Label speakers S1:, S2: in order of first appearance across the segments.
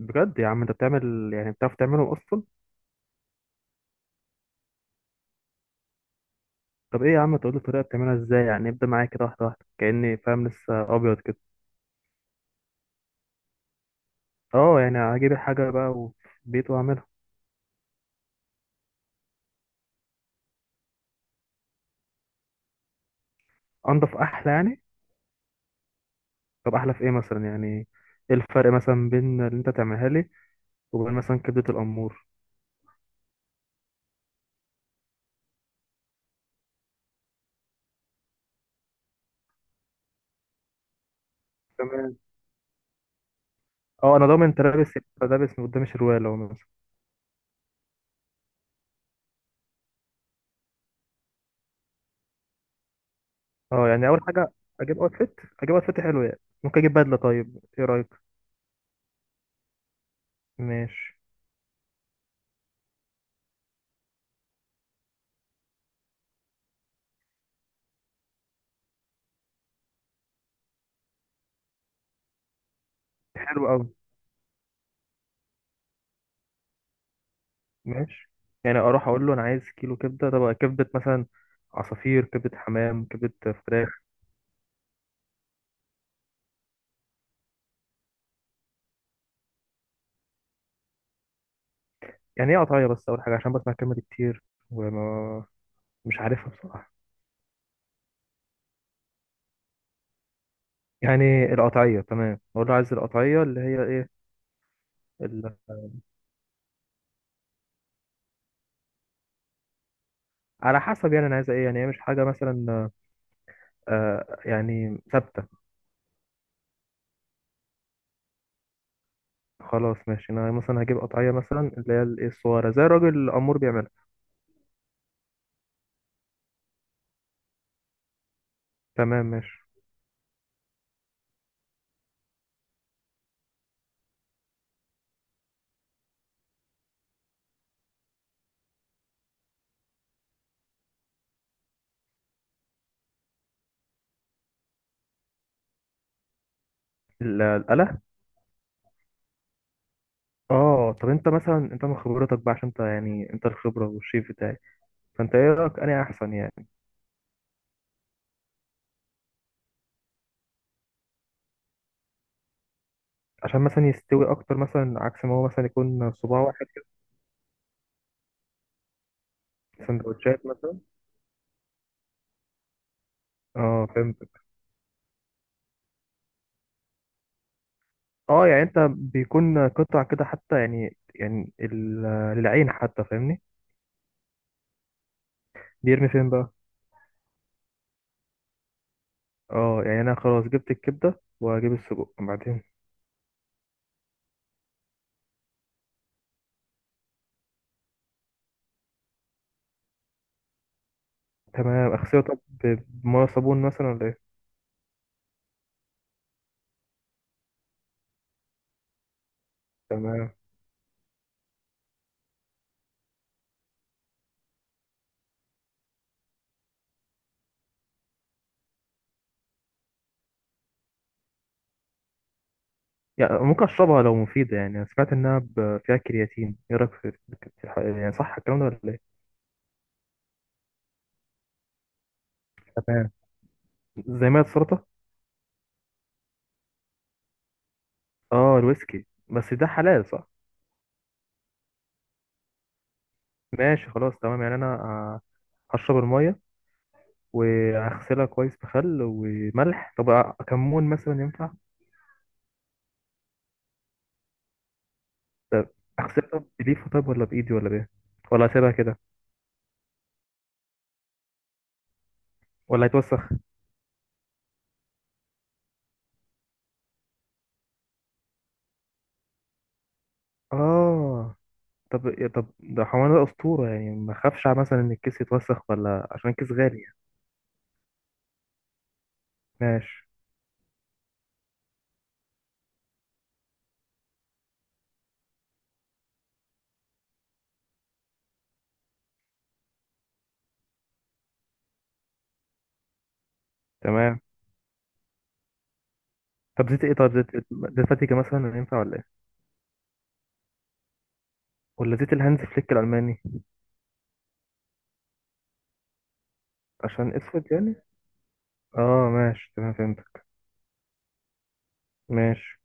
S1: بجد يا عم، انت بتعمل؟ يعني بتعرف تعمله اصلا؟ طب ايه يا عم، تقول لي الطريقه بتعملها ازاي؟ يعني ابدا معايا كده واحده واحده كاني فاهم لسه ابيض كده. اه يعني هجيب الحاجه بقى وفي البيت واعملها. انضف احلى يعني؟ طب احلى في ايه مثلا يعني؟ ايه الفرق مثلا بين اللي انت تعملها لي وبين مثلا كبده الامور؟ تمام. اه انا ضامن انت لابس، يبقى لابس من قدام الشروال اهو مثلا. اه يعني اول حاجه اجيب اوتفيت حلو يعني، ممكن اجيب بدله؟ طيب ايه رايك؟ ماشي. حلو قوي. ماشي. يعني اروح اقول له انا عايز كيلو كبده؟ طب كبده مثلا عصافير، كبده حمام، كبده فراخ؟ يعني ايه قطعيه بس؟ اول حاجه، عشان بسمع الكلمه دي كتير وما مش عارفها بصراحه. يعني القطعيه تمام؟ اقول له عايز القطعيه اللي هي ايه؟ ال... على حسب يعني انا عايز ايه؟ يعني هي مش حاجه مثلا يعني ثابته؟ خلاص ماشي، انا مثلا هجيب قطعيه مثلا اللي هي الايه الصغيره زي الراجل الامور بيعملها. تمام ماشي. ال- القلم. اه طب انت مثلا، انت من خبرتك بقى عشان انت يعني انت الخبره والشيف بتاعي، فانت ايه رايك انهي احسن يعني؟ عشان مثلا يستوي اكتر مثلا، عكس ما هو مثلا يكون صباع واحد كده. سندوتشات مثلا؟ اه فهمتك. اه يعني انت بيكون قطع كده حتى، يعني ال- للعين حتى، فاهمني؟ بيرمي فين بقى؟ اه يعني انا خلاص جبت الكبده واجيب السجق بعدين. تمام اغسله. طب ب- بميه صابون مثلا ولا ايه؟ تمام. يعني ممكن اشربها لو مفيده؟ يعني انا سمعت انها ب- فيها كرياتين، ايه رايك في الح- يعني صح الكلام ده ولا ايه؟ تمام. زي ما السلطه. اه الويسكي، بس ده حلال صح؟ ماشي خلاص تمام. يعني انا هشرب الميه واغسلها كويس بخل وملح. طب كمون مثلا ينفع؟ اغسلها بليفه طب ولا بايدي ولا بايه؟ ولا اسيبها كده؟ ولا هيتوسخ؟ اه طب يا- طب ده حمار، ده اسطوره يعني. ما اخافش مثلا ان الكيس يتوسخ، ولا عشان الكيس غالي يعني؟ ماشي تمام. طب زيت ايه؟ طب زيت إيه؟ زيت فاتيكا مثلا ينفع ولا ايه؟ ولا زيت الهانز فليك الالماني؟ عشان اسود يعني؟ اه ماشي تمام فهمتك. ماشي.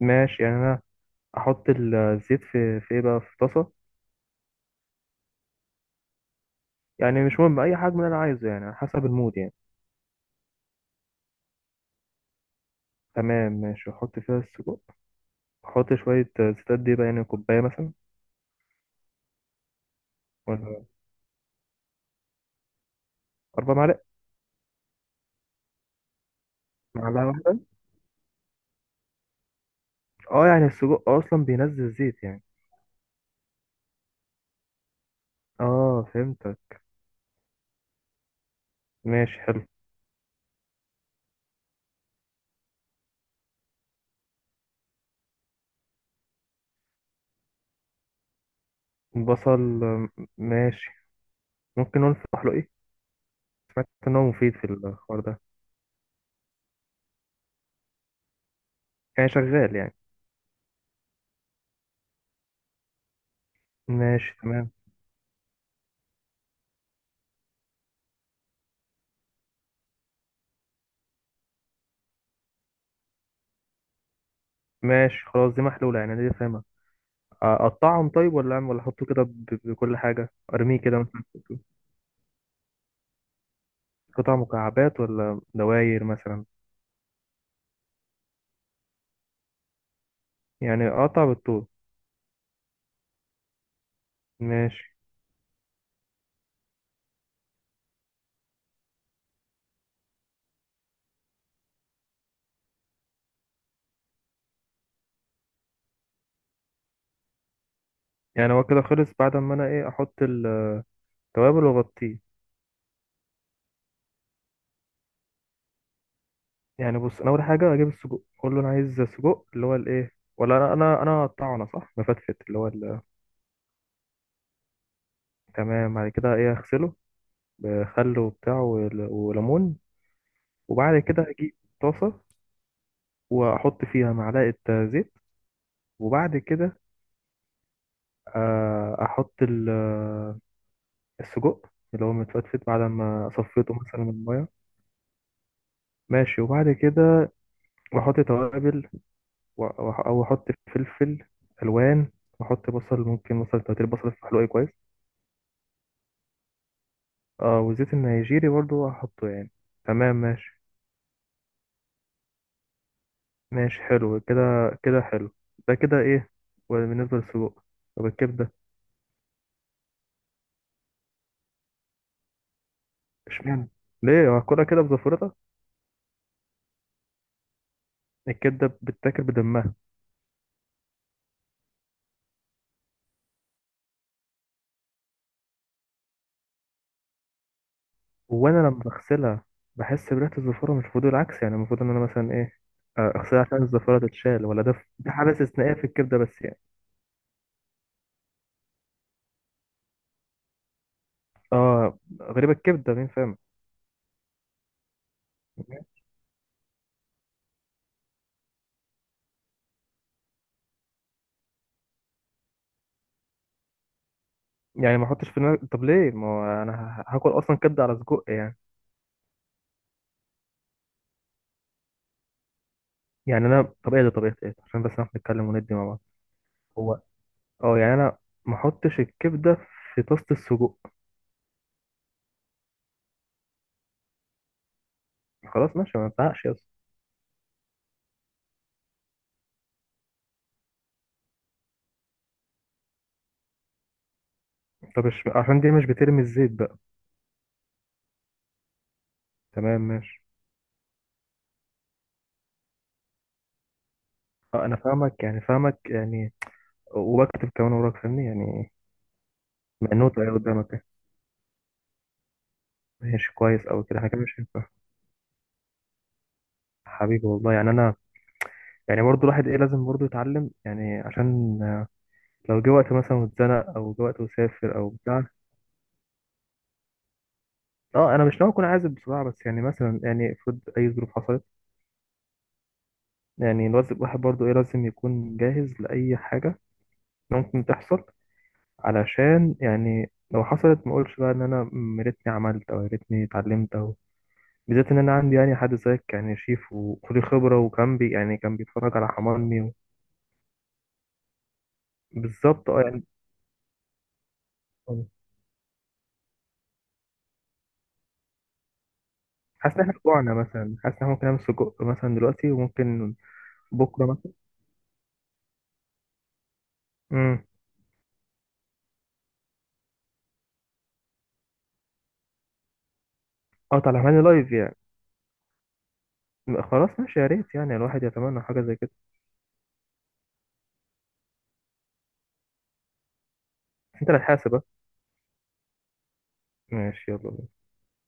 S1: ماشي. يعني انا احط ال- الزيت في في ايه بقى، في طاسه؟ يعني مش مهم اي حجم، اللي انا عايزه يعني على حسب المود يعني؟ تمام ماشي. احط فيها السجق. احط شويه زيت قد ايه بقى يعني، كوبايه مثلا؟ ولا اربع معالق؟ معلقه واحده؟ اه يعني السجق اصلا بينزل زيت يعني؟ اه فهمتك. ماشي حلو. بصل ماشي. ممكن نقول في ايه، سمعت ان هو مفيد في الحوار ده؟ يعني شغال يعني؟ ماشي تمام. ماشي خلاص دي محلوله، يعني دي فاهمها. اقطعهم طيب؟ ولا اعمل ولا احطه كده ب- بكل حاجه ارميه كده مثلا؟ قطع مكعبات ولا دواير مثلا؟ يعني اقطع بالطول؟ ماشي. يعني هو كده خلص بعد ما انا ايه، احط التوابل واغطيه؟ يعني بص، انا اول حاجه اجيب السجق، اقول له انا عايز سجق اللي هو الايه، ولا انا اقطعه انا صح، مفتفت اللي هو ال-. تمام. بعد كده ايه، اغسله بخل وبتاع ول- وليمون. وبعد كده اجيب طاسه واحط فيها معلقه زيت. وبعد كده احط ال السجق اللي هو متفتفت بعد ما صفيته مثلا من الميه. ماشي. وبعد كده بحط توابل او احط فلفل الوان، واحط بصل، ممكن مثلا تلاتين بصل في حلوقي كويس. اه والزيت النيجيري برضو هحطه يعني. تمام ماشي. ماشي حلو كده. كده حلو. ده كده ايه؟ وبالنسبه للسجق. طب الكبده؟ اشمعنى؟ ليه، هاكلها كده بزفرتها؟ الكبده بتتاكل بدمها؟ وانا لما بغسلها بحس بريحه الزفاره، مش المفروض العكس؟ يعني المفروض ان انا مثلا ايه، اغسلها عشان الزفاره تتشال؟ ولا ده حاله استثنائيه في الكبده بس يعني؟ اه غريبه الكبده، مين فاهم. يعني ما احطش في دماغي. طب ليه، ما هو انا ه- هاكل اصلا كبده على سجق يعني؟ يعني انا طب ايه ده؟ طبيعه ايه ده؟ عشان بس نعرف نتكلم وندي مع بعض. هو. اه يعني انا ما احطش الكبده في طاسه السجق. خلاص ماشي، ما ازعقش يا اسطى. طب مش عشان دي مش بترمي الزيت بقى؟ تمام ماشي. اه انا فاهمك يعني، فاهمك يعني، وبكتب كمان وراك، فاهمني يعني؟ منوط ايه قدامك. ماشي كويس او كده، احنا كده مش هينفع. حبيبي والله. يعني انا يعني برضو الواحد ايه، لازم برضو يتعلم يعني. عشان لو جه وقت مثلا واتزنق، او جه وقت وسافر او بتاع. اه انا مش ناوي اكون عازب بصراحه، بس يعني مثلا يعني افرض اي ظروف حصلت، يعني الواحد برضو ايه، لازم يكون جاهز لاي حاجه ممكن تحصل. علشان يعني لو حصلت ما اقولش بقى ان انا يا ريتني عملت، او يا ريتني اتعلمت، او بالذات ان انا عندي يعني حد زيك، يعني شيف وخد الخبره، وكان بي يعني كان بيتفرج على حمامي و... بالظبط. اه يعني حاسس ان احنا جوعنا مثلا، حاسس ان احنا ممكن نعمل سجق مثلا دلوقتي وممكن بكره مثلا؟ امم. اه طالع معانا لايف يعني؟ خلاص ماشي، يا ريت يعني. الواحد يتمنى حاجه زي كده. انت اللي هتحاسب، اه. ماشي يلا.